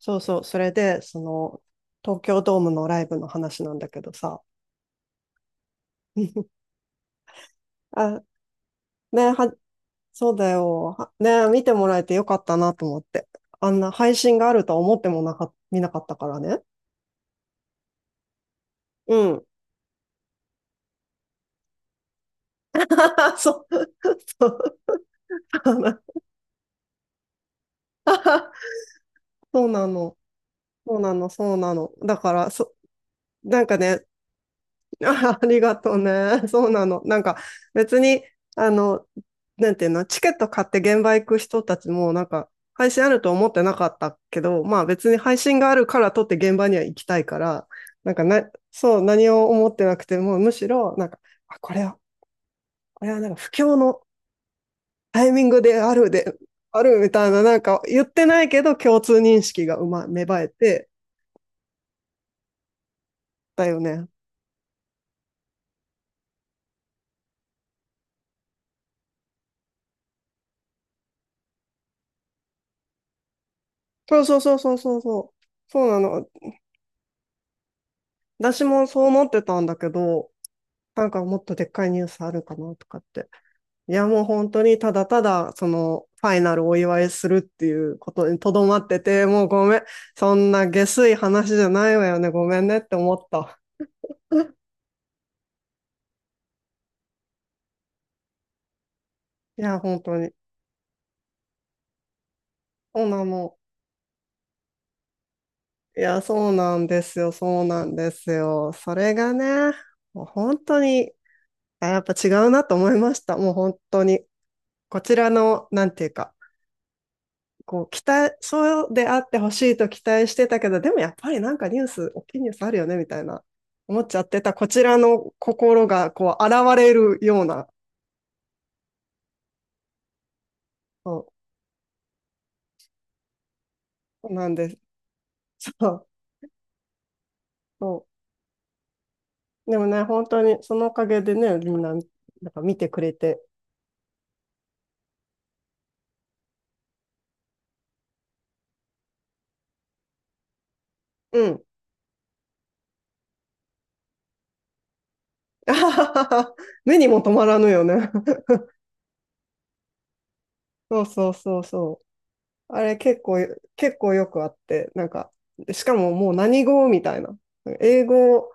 そうそう、それで、東京ドームのライブの話なんだけどさ。あ、ね、は、そうだよ。はね、見てもらえてよかったなと思って。あんな配信があるとは思っても見なかったからね。うん。そう、そう。あの そうなの。そうなの。そうなの。だから、なんかね、ありがとうね。そうなの。なんか別に、あの、なんていうの、チケット買って現場行く人たちもなんか配信あると思ってなかったけど、まあ別に配信があるから撮って現場には行きたいから、なんかな、そう、何を思ってなくても、むしろ、なんか、あ、これはなんか不況のタイミングであるで、あるみたいな、なんか言ってないけど共通認識が芽生えてだよね。そうそうそうそうそうそう。そうなの。私もそう思ってたんだけど、なんかもっとでっかいニュースあるかなとかって。いや、もう本当にただただ、ファイナルお祝いするっていうことにとどまってて、もうごめん。そんな下水話じゃないわよね。ごめんねって思った。いや、本当に。そうなの。いや、そうなんですよ。そうなんですよ。それがね、もう本当に、あ、やっぱ違うなと思いました。もう本当に。こちらの、なんていうか、こう期待、そうであってほしいと期待してたけど、でもやっぱりなんかニュース、大きいニュースあるよねみたいな、思っちゃってたこちらの心がこう現れるような、そうなんです。そうそう、でもね、本当にそのおかげでね、みんな、なんか見てくれて、うん。目にも止まらぬよね。そうそうそうそう。あれ結構よくあって、なんか、しかももう何語みたいな。英語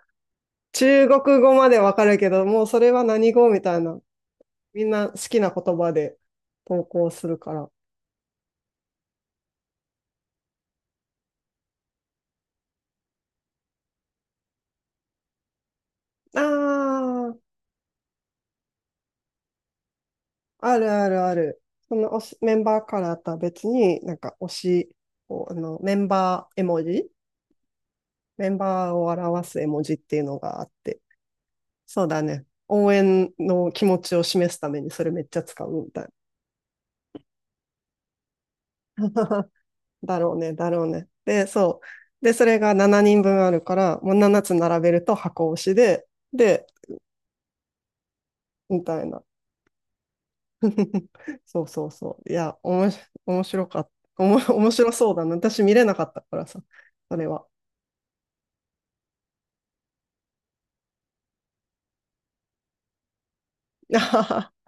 中国語までわかるけど、もうそれは何語みたいな。みんな好きな言葉で投稿するから。ああ、あるあるある。その推しメンバーカラーとは別に、なんか推しを、メンバーを表す絵文字っていうのがあって。そうだね。応援の気持ちを示すためにそれめっちゃ使うみたいな。だろうね、だろうね。で、そう。で、それが7人分あるから、もう7つ並べると箱推しで、で、みたいな。そうそうそう。いや、おもし、面白かった。面白そうだな。私見れなかったからさ、それは。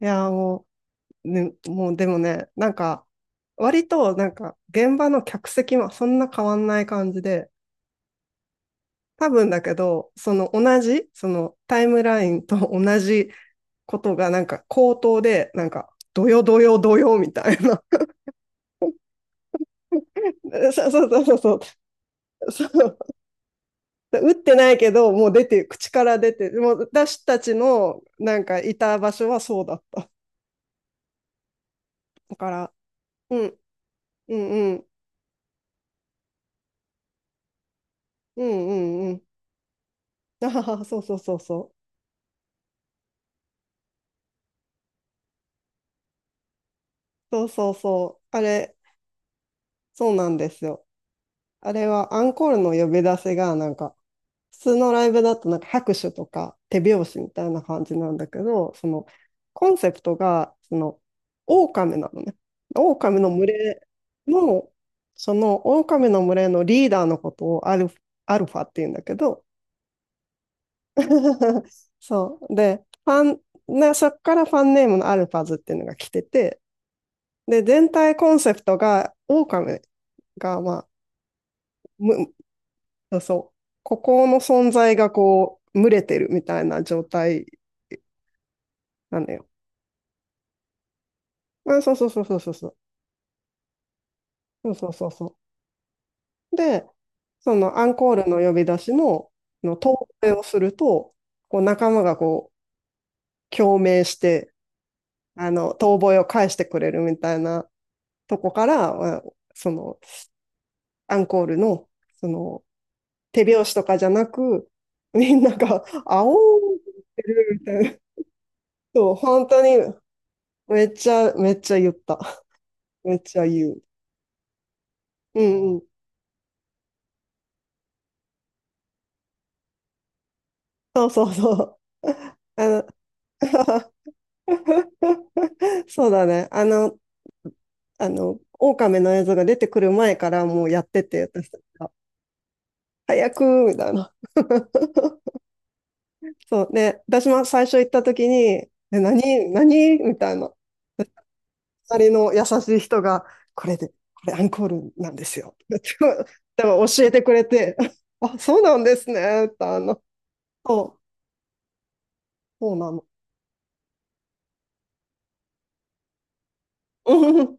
いや、もう、ね、もうでもね、なんか、割となんか、現場の客席もそんな変わんない感じで、多分だけど、その同じ、そのタイムラインと同じことがなんか口頭で、なんか、どよどよどよみたいな。そうそうそうそう。そう打ってないけど、もう出て、口から出て、もう私たちのなんかいた場所はそうだった。だから、うん、うん、うん、うん、うん、うん。あはは、そうそうそうそう。そうそうそう。あれ、そうなんですよ。あれはアンコールの呼び出しがなんか、普通のライブだとなんか拍手とか手拍子みたいな感じなんだけど、そのコンセプトがその狼なのね。狼の群れの、その狼の群れのリーダーのことをアルファって言うんだけど、そう。で、ファン、ね、そっからファンネームのアルファズっていうのが来てて、で、全体コンセプトが狼が、まあ、む、そう、ここの存在がこう、群れてるみたいな状態なのよ。うん、そうそうそうそうそうそう。そうそうそうそう。で、そのアンコールの呼び出しの、遠吠えをすると、こう仲間がこう共鳴して、あの、遠吠えを返してくれるみたいなとこから、そのアンコールの、その手拍子とかじゃなく、みんなが、あおーってるみたいな。そう、本当にめっちゃ、めっちゃ言った。めっちゃ言う。うんうん。そうそうそう。あの そうだね。あの、狼の映像が出てくる前からもうやってて、私たちが。早くみたいな。そう。ね。私も最初行った時に、え、何何みたいな。隣の優しい人が、これアンコールなんですよ。でも教えてくれて、あ、そうなんですね。ってそう、そうなの。うん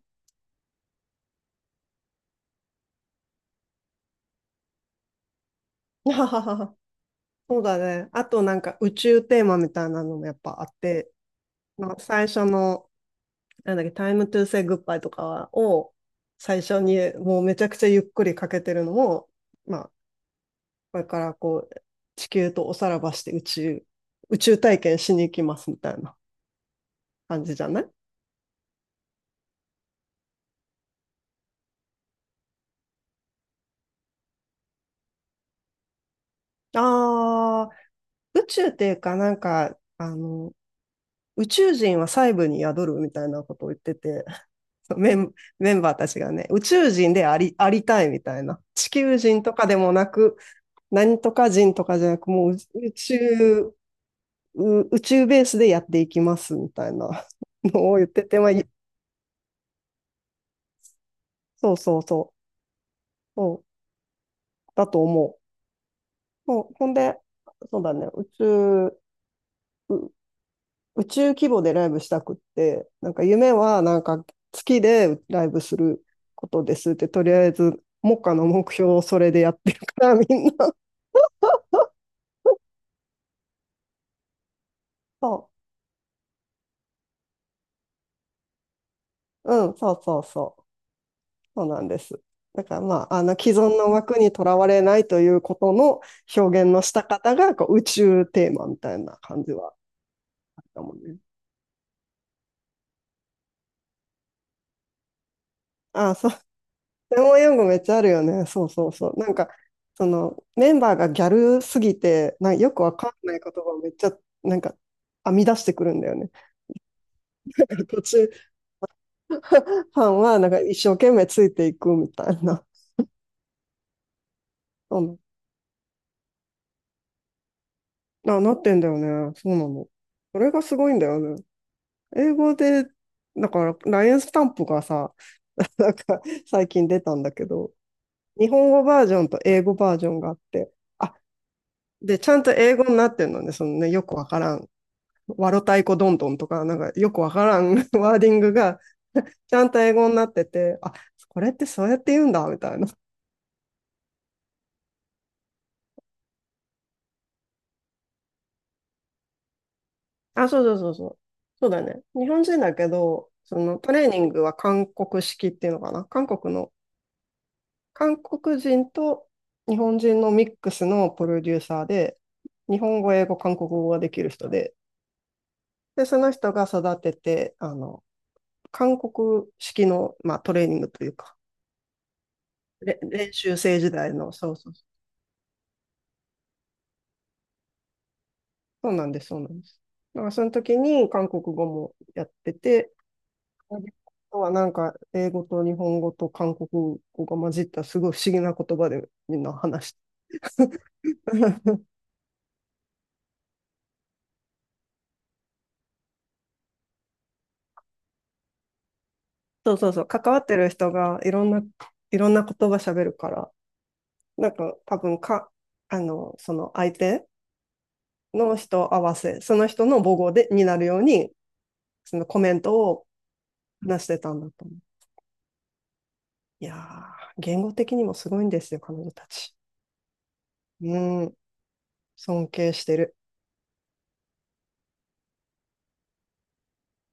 はははは そうだね。あとなんか宇宙テーマみたいなのもやっぱあって、最初の、なんだっけ、タイムトゥーセイグッバイとかを最初にもうめちゃくちゃゆっくりかけてるのも、まあ、これからこう、地球とおさらばして宇宙体験しに行きますみたいな感じじゃない。ああ、宇宙っていうかなんか、あの、宇宙人は細部に宿るみたいなことを言ってて、メン、メンバーたちがね、宇宙人であり、ありたいみたいな。地球人とかでもなく、何とか人とかじゃなく、もう宇宙ベースでやっていきますみたいなのを言ってて、まあ、そうそうそう、うんだと思う。もうほんで、そうだね、う宇宙規模でライブしたくって、なんか夢はなんか月でライブすることですって、とりあえず目下の目標をそれでやってるから、みんな。そう、うん、そうそうそう。そうなんです。だからまあ、あの既存の枠にとらわれないということの表現のした方がこう宇宙テーマみたいな感じはあったもんね。ああ、そう。専門用語めっちゃあるよね。そうそうそう。なんか、そのメンバーがギャルすぎて、よくわかんない言葉をめっちゃなんか編み出してくるんだよね。途中、ファンはなんか一生懸命ついていくみたいな。うん、なってんだよね。そうなの。それがすごいんだよね。英語で、だから、ラインスタンプがさ、なんか最近出たんだけど、日本語バージョンと英語バージョンがあって、あ、で、ちゃんと英語になってるのね、そのね、よくわからん、わろたいこどんどんとか、なんかよくわからん ワーディングが、ちゃんと英語になってて、あ、これってそうやって言うんだ、みたいな。あ、そうそうそうそう。そうだね。日本人だけど、そのトレーニングは韓国式っていうのかな。韓国人と日本人のミックスのプロデューサーで、日本語、英語、韓国語ができる人で、その人が育てて、あの、韓国式の、まあ、トレーニングというか、練習生時代の、そうそう、そうなんです、そうなんです。だからその時に韓国語もやってて、あとはなんか英語と日本語と韓国語が混じったすごい不思議な言葉でみんな話して そうそうそう、関わってる人がいろんな言葉喋るから、なんか多分か、あの、その相手の人合わせ、その人の母語で、になるように、そのコメントを出してたんだと思う。いやー、言語的にもすごいんですよ、彼女たち。うん、尊敬してる。